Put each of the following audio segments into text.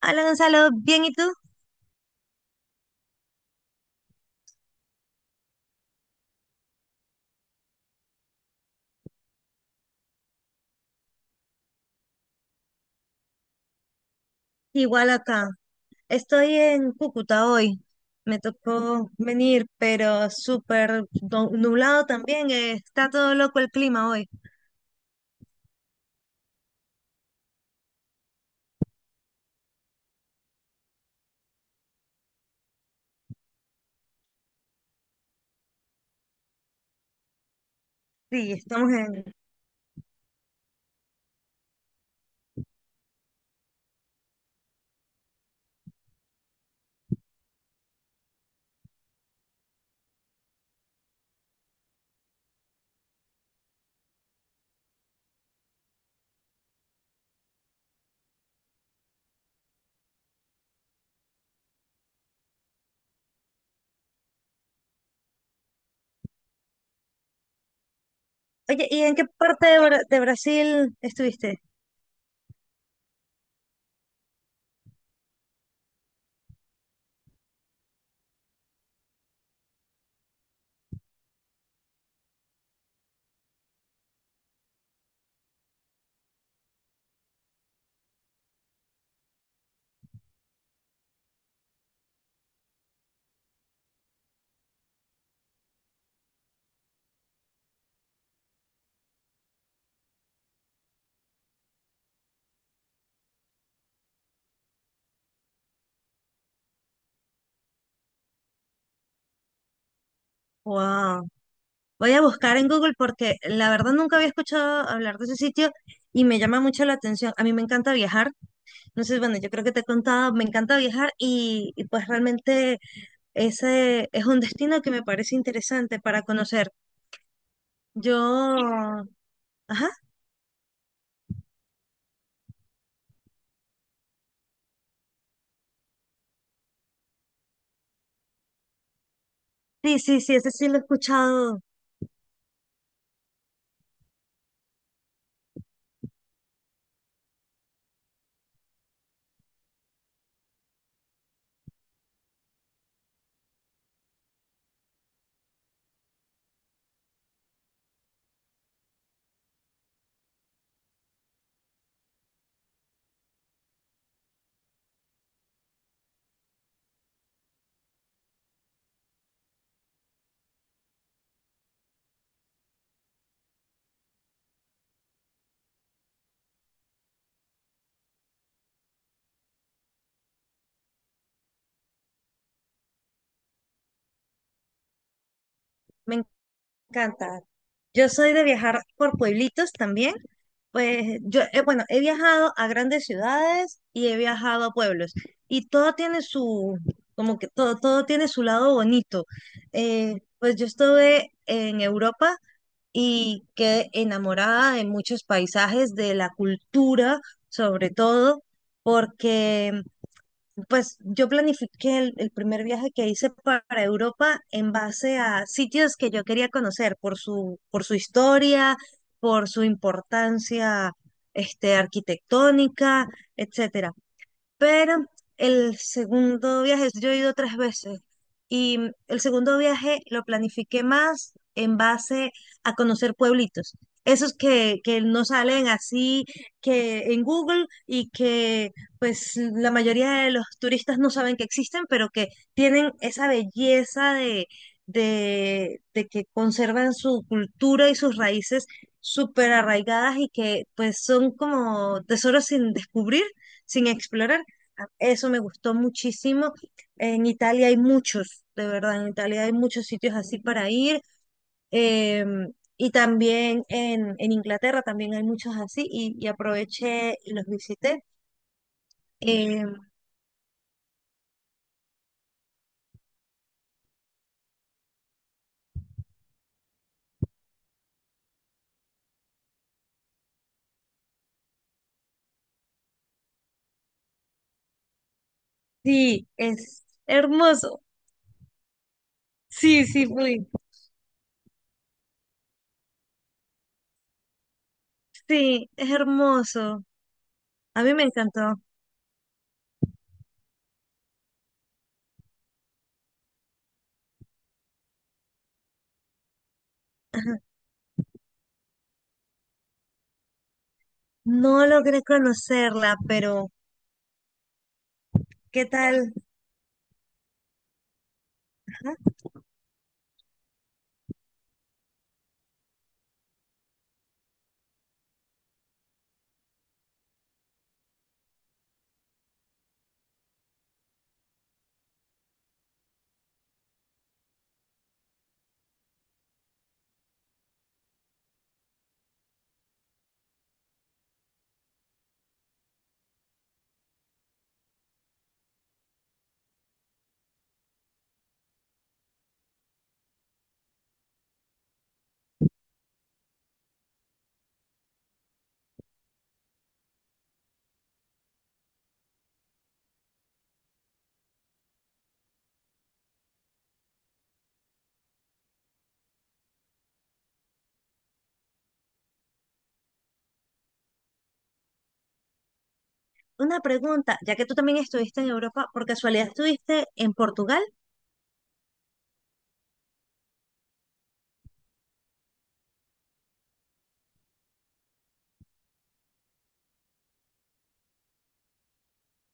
Hola Gonzalo, ¿bien y tú? Igual acá. Estoy en Cúcuta hoy. Me tocó venir, pero súper nublado también. Está todo loco el clima hoy. Sí, estamos en... Oye, ¿y en qué parte de Brasil estuviste? Wow. Voy a buscar en Google porque la verdad nunca había escuchado hablar de ese sitio y me llama mucho la atención. A mí me encanta viajar. No sé, bueno, yo creo que te he contado, me encanta viajar y pues realmente ese es un destino que me parece interesante para conocer. Yo, ajá, sí, sí, sí, ese sí lo he escuchado, me encanta. Yo soy de viajar por pueblitos también. Pues yo, bueno, he viajado a grandes ciudades y he viajado a pueblos. Y todo tiene su, como que todo, todo tiene su lado bonito. Pues yo estuve en Europa y quedé enamorada de muchos paisajes, de la cultura, sobre todo, porque pues yo planifiqué el primer viaje que hice para Europa en base a sitios que yo quería conocer por por su historia, por su importancia arquitectónica, etcétera. Pero el segundo viaje, yo he ido 3 veces y el segundo viaje lo planifiqué más en base a conocer pueblitos. Esos que no salen así que en Google y que pues la mayoría de los turistas no saben que existen, pero que tienen esa belleza de que conservan su cultura y sus raíces súper arraigadas y que pues son como tesoros sin descubrir sin explorar. Eso me gustó muchísimo. En Italia hay muchos, de verdad, en Italia hay muchos sitios así para ir. Y también en Inglaterra también hay muchos así y aproveché y los visité. Em, sí, es hermoso. Sí, sí, fui. Sí, es hermoso. A mí me encantó. Ajá. No logré conocerla, pero ¿qué tal? Ajá. Una pregunta, ya que tú también estuviste en Europa, ¿por casualidad estuviste en Portugal?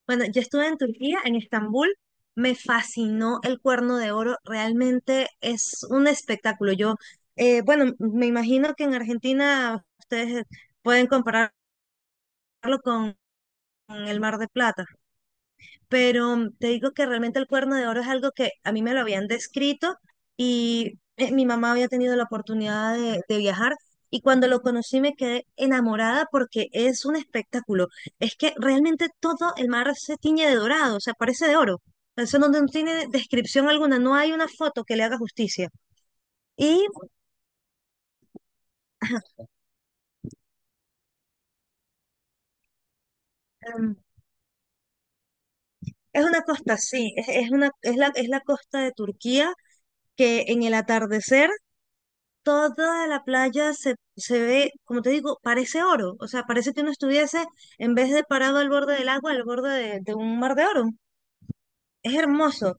Bueno, yo estuve en Turquía, en Estambul, me fascinó el Cuerno de Oro, realmente es un espectáculo. Yo, bueno, me imagino que en Argentina ustedes pueden compararlo con el Mar de Plata pero te digo que realmente el Cuerno de Oro es algo que a mí me lo habían descrito y mi mamá había tenido la oportunidad de viajar y cuando lo conocí me quedé enamorada porque es un espectáculo. Es que realmente todo el mar se tiñe de dorado, o sea, parece de oro. Eso no, no tiene descripción alguna, no hay una foto que le haga justicia. Y ajá, em, es una costa, sí, es la costa de Turquía que en el atardecer toda la playa se, se ve, como te digo, parece oro. O sea, parece que uno estuviese, en vez de parado al borde del agua, al borde de un mar de oro. Es hermoso.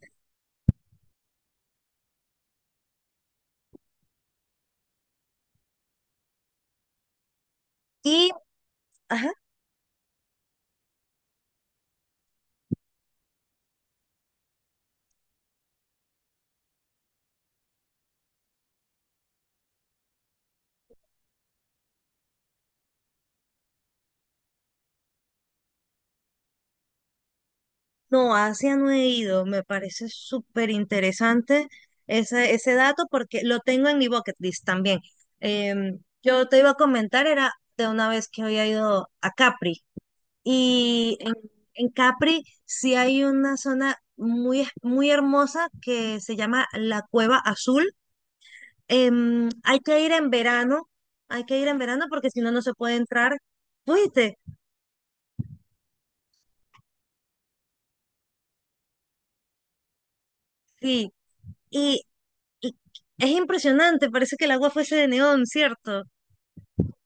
Y, ajá, no, a Asia no he ido. Me parece súper interesante ese, ese dato porque lo tengo en mi bucket list también. Yo te iba a comentar, era de una vez que había ido a Capri. Y en Capri sí hay una zona muy, muy hermosa que se llama la Cueva Azul. Hay que ir en verano, hay que ir en verano porque si no, no se puede entrar. ¿Fuiste? Sí. Y, y es impresionante, parece que el agua fuese de neón, ¿cierto?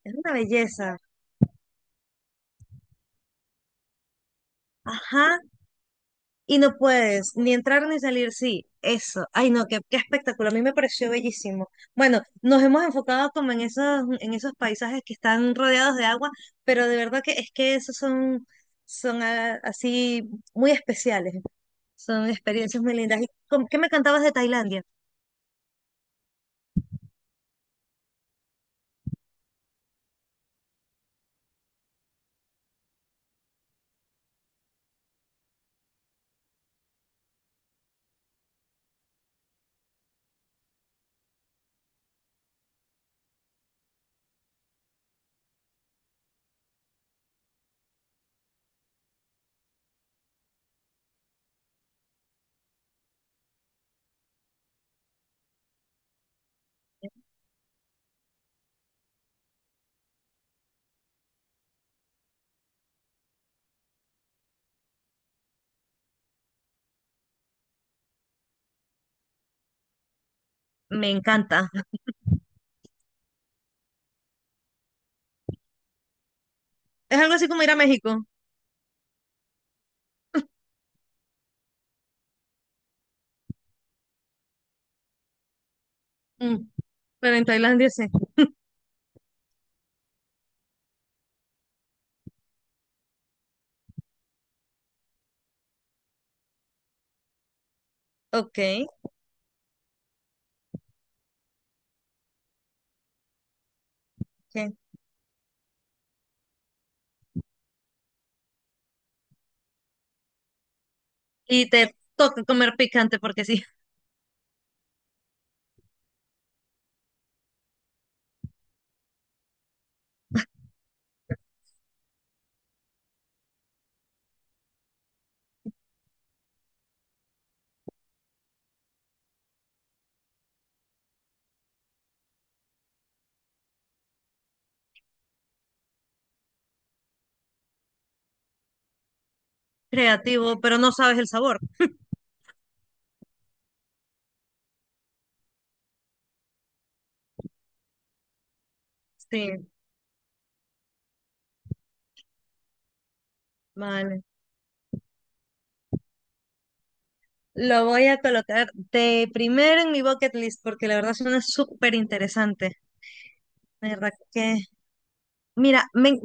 Es una belleza. Ajá. Y no puedes ni entrar ni salir, sí, eso. Ay, no, qué, qué espectáculo, a mí me pareció bellísimo. Bueno, nos hemos enfocado como en esos paisajes que están rodeados de agua, pero de verdad que es que esos son, son así muy especiales, son experiencias muy lindas. ¿Y cómo- qué me cantabas de Tailandia? Me encanta. Es algo así como ir a México. Mm, pero en Tailandia sí. Ok, ok. Y te toca comer picante porque sí, creativo, pero no sabes el sabor. Sí, vale. Lo voy a colocar de primero en mi bucket list porque la verdad suena súper interesante. La verdad que, mira,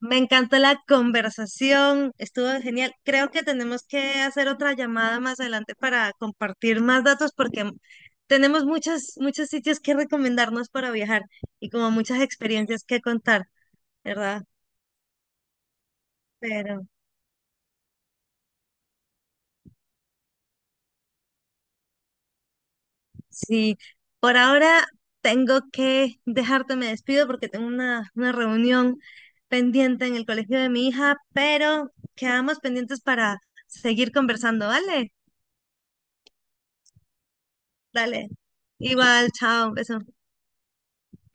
me encantó la conversación, estuvo genial. Creo que tenemos que hacer otra llamada más adelante para compartir más datos porque tenemos muchos, muchos sitios que recomendarnos para viajar y como muchas experiencias que contar, ¿verdad? Pero sí, por ahora tengo que dejarte, me despido porque tengo una reunión pendiente en el colegio de mi hija, pero quedamos pendientes para seguir conversando, ¿vale? Dale. Igual, chao, un beso.